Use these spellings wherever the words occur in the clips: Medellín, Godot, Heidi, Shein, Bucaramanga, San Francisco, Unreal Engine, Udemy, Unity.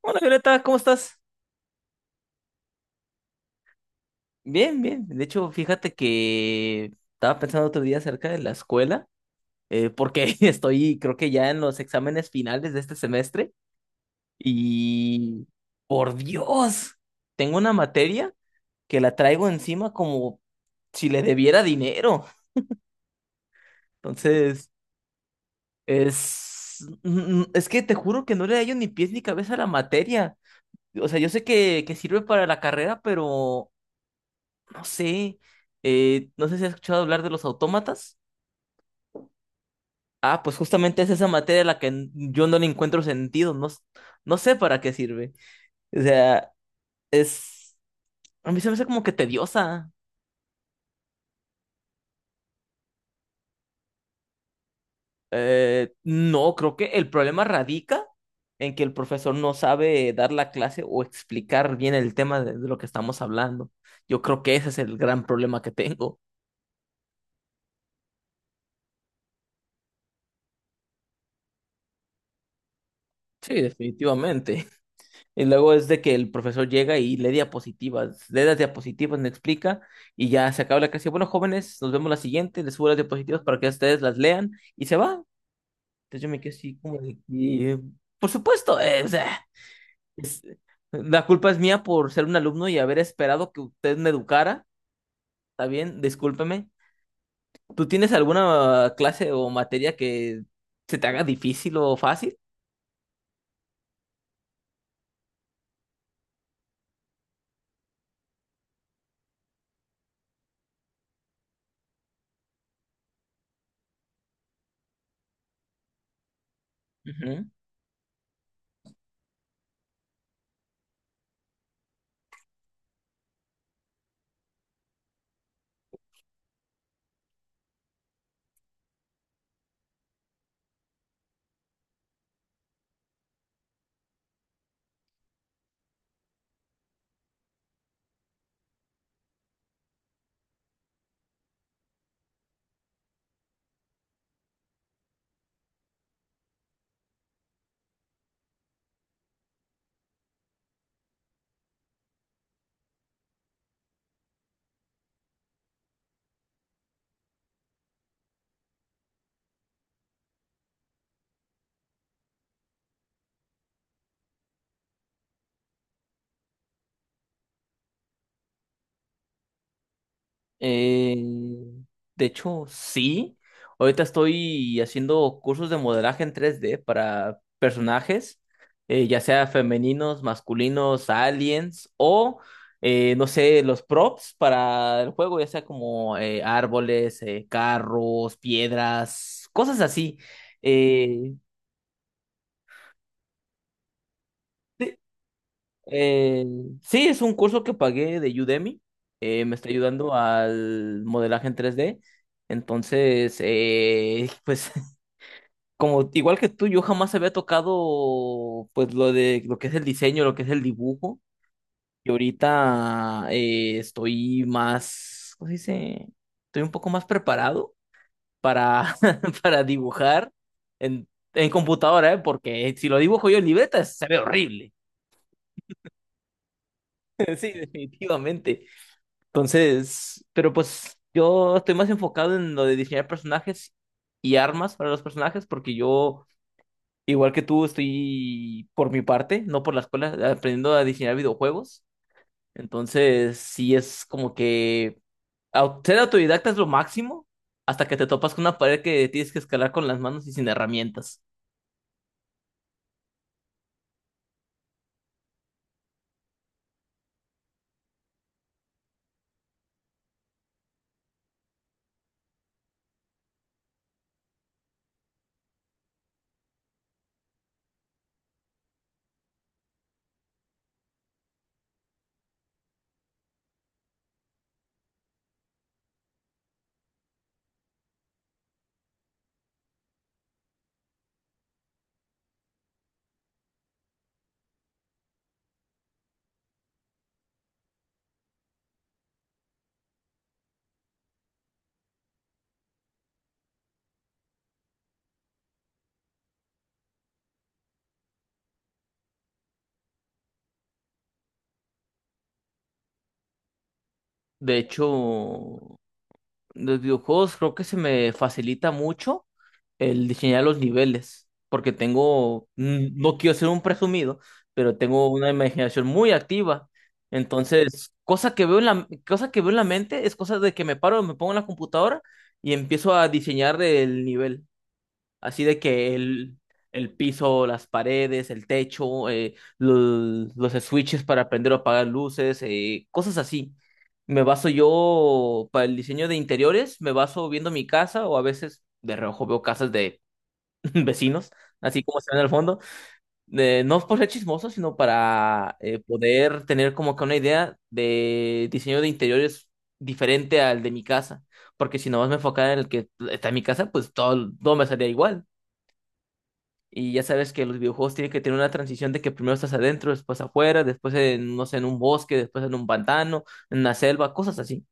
Hola Violeta, ¿cómo estás? Bien, bien. De hecho, fíjate que estaba pensando otro día acerca de la escuela, porque estoy, creo que ya en los exámenes finales de este semestre y, por Dios, tengo una materia que la traigo encima como si le debiera dinero. Entonces, es que te juro que no le hallo ni pies ni cabeza a la materia. O sea, yo sé que sirve para la carrera, pero no sé, no sé si has escuchado hablar de los autómatas. Ah, pues justamente es esa materia a la que yo no le encuentro sentido, no, no sé para qué sirve. O sea, es, a mí se me hace como que tediosa. No, creo que el problema radica en que el profesor no sabe dar la clase o explicar bien el tema de lo que estamos hablando. Yo creo que ese es el gran problema que tengo. Sí, definitivamente. Y luego es de que el profesor llega y lee diapositivas, lee las diapositivas, me explica y ya se acaba la clase. Bueno, jóvenes, nos vemos la siguiente, les subo las diapositivas para que ustedes las lean y se va. Entonces yo me quedé así como de que, por supuesto, o sea, es- la culpa es mía por ser un alumno y haber esperado que usted me educara, ¿está bien? Discúlpeme. ¿Tú tienes alguna clase o materia que se te haga difícil o fácil? Ujú. Eh, de hecho, sí. Ahorita estoy haciendo cursos de modelaje en tres d para personajes, ya sea femeninos, masculinos, aliens o, no sé, los props para el juego, ya sea como árboles, carros, piedras, cosas así. Eh, Eh, sí, es un curso que pagué de Udemy. Me está ayudando al modelaje en 3D. Entonces, pues, como igual que tú, yo jamás había tocado pues lo de lo que es el diseño, lo que es el dibujo. Y ahorita estoy más, ¿cómo se dice? Estoy un poco más preparado para, para dibujar en, en computadora, ¿eh? Porque si lo dibujo yo en libreta, se ve horrible. Sí, definitivamente. Entonces, pero pues yo estoy más enfocado en lo de diseñar personajes y armas para los personajes, porque yo, igual que tú, estoy por mi parte, no por la escuela, aprendiendo a diseñar videojuegos. Entonces, sí es como que ser autodidacta es lo máximo hasta que te topas con una pared que tienes que escalar con las manos y sin herramientas. De hecho, los videojuegos creo que se me facilita mucho el diseñar los niveles, porque tengo, mm, no quiero ser un presumido, pero tengo una imaginación muy activa. Entonces, cosa que veo en la mente es cosa de que me paro, me pongo en la computadora y empiezo a diseñar el nivel. Así de el piso, las paredes, el techo, switches para prender o apagar luces, cosas así. Me baso yo para el diseño de interiores, me baso viendo mi casa o a veces de reojo veo casas de vecinos, así como se ven al fondo. No es por ser chismoso, sino para poder tener como que una idea de diseño de interiores diferente al de mi casa. Porque si nomás me enfocara en el que está en mi casa, pues todo me salía igual. Y ya sabes que los videojuegos tienen que tener una transición de que primero estás adentro, después afuera, después en, no sé, en un bosque, después en un pantano, en una selva, cosas así.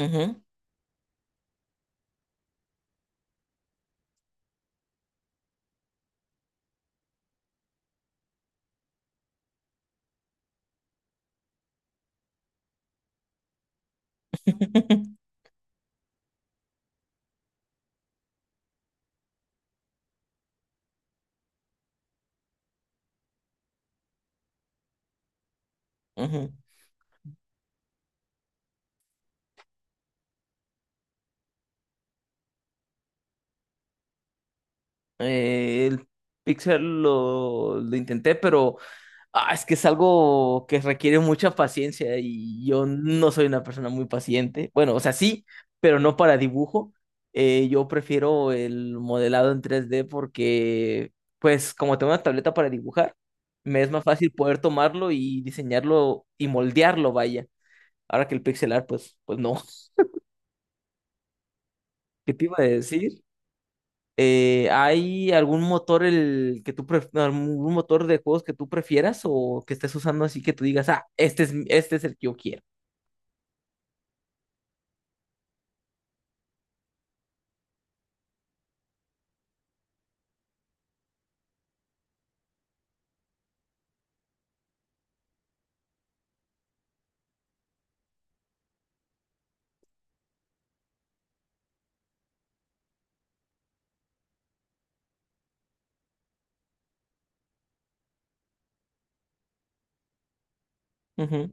Ujú, ujú. El Pixel lo intenté, pero ah, es que es algo que requiere mucha paciencia y yo no soy una persona muy paciente. Bueno, o sea, sí, pero no para dibujo. Yo prefiero el modelado en tres d porque, pues, como tengo una tableta para dibujar, me es más fácil poder tomarlo y diseñarlo y moldearlo, vaya. Ahora que el pixelar, pues, pues no. ¿Qué te iba a decir? ¿Hay algún motor el que algún motor de juegos que tú prefieras o que estés usando así que tú digas, ah, este es el que yo quiero? Ujú,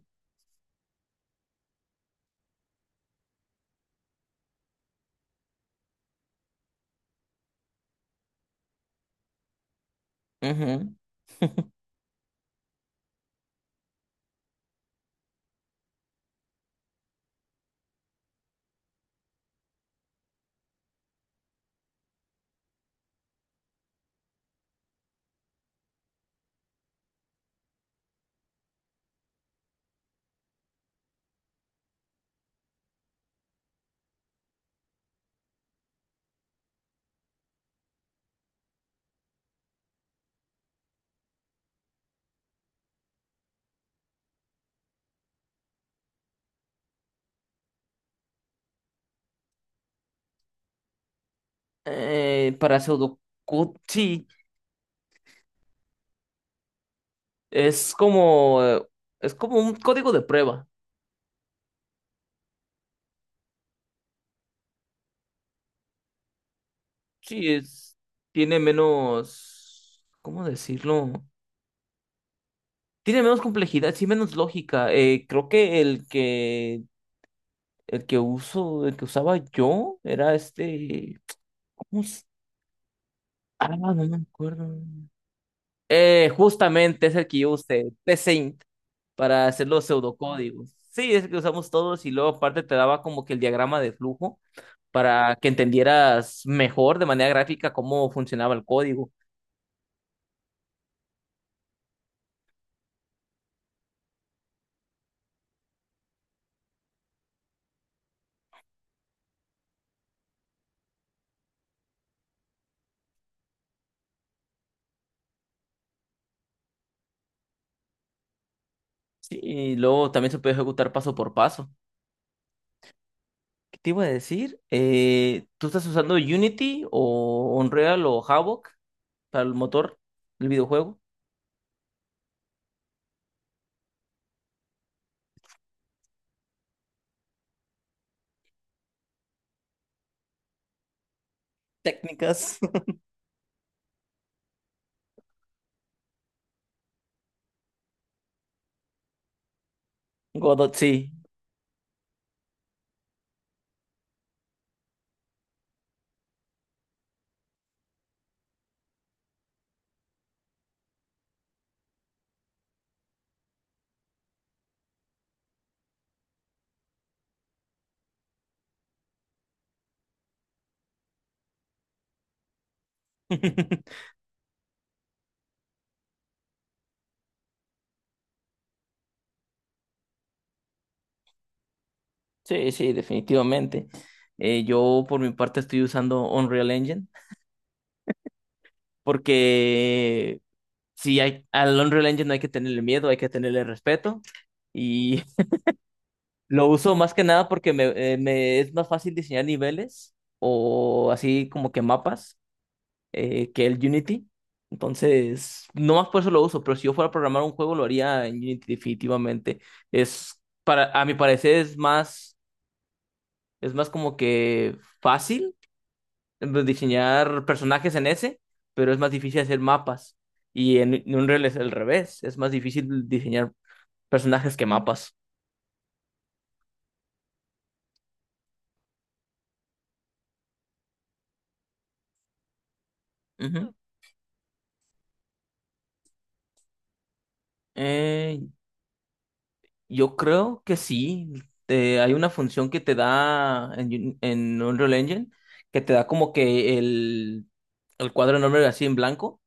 ujú. Para pseudocode, sí, es como, eh, es como un código de prueba. Sí, es, tiene menos, ¿cómo decirlo? Tiene menos complejidad, sí, menos lógica. Creo que el que uso, el que usaba yo era este, ¿cómo se-? Ah, no me acuerdo. Justamente es el que yo usé, para hacer los pseudocódigos. Sí, es que usamos todos y luego aparte te daba como que el diagrama de flujo para que entendieras mejor de manera gráfica cómo funcionaba el código. Sí, y luego también se puede ejecutar paso por paso. ¿Qué te iba a decir? ¿Tú estás usando Unity o Unreal o Havok para el motor, el videojuego? Técnicas. Godot, sí. Sí, sí, definitivamente. Yo por mi parte estoy usando Unreal Engine porque sí, hay, al Unreal Engine no hay que tenerle miedo, hay que tenerle respeto. Y lo uso más que nada porque me es más fácil diseñar niveles o así como que mapas que el Unity. Entonces, no más por eso lo uso, pero si yo fuera a programar un juego lo haría en Unity definitivamente. Es a mi parecer es más como que fácil diseñar personajes en ese, pero es más difícil hacer mapas. Y en Unreal es al revés, es más difícil diseñar personajes que mapas. Ujú. Eh, yo creo que sí. Hay una función que te da en Unreal Engine que te da como que el cuadro enorme así en blanco.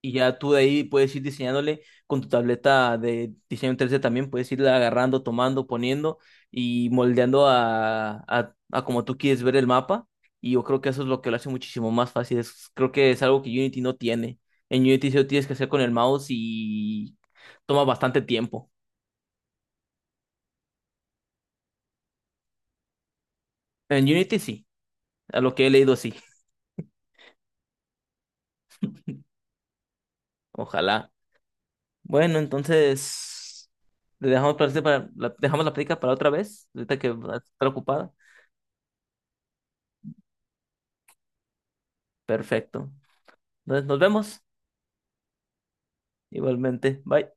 Y ya tú de ahí puedes ir diseñándole con tu tableta de diseño 3D también, puedes irla agarrando, tomando, poniendo y moldeando a como tú quieres ver el mapa. Y yo creo que eso es lo que lo hace muchísimo más fácil. Es, creo que es algo que Unity no tiene. En Unity sí lo tienes que hacer con el mouse y toma bastante tiempo. En Unity sí, a lo que he leído sí. Ojalá. Bueno, entonces le dejamos, dejamos la plática para otra vez, ahorita que va a estar ocupada. Perfecto. Entonces, nos vemos. Igualmente. Bye.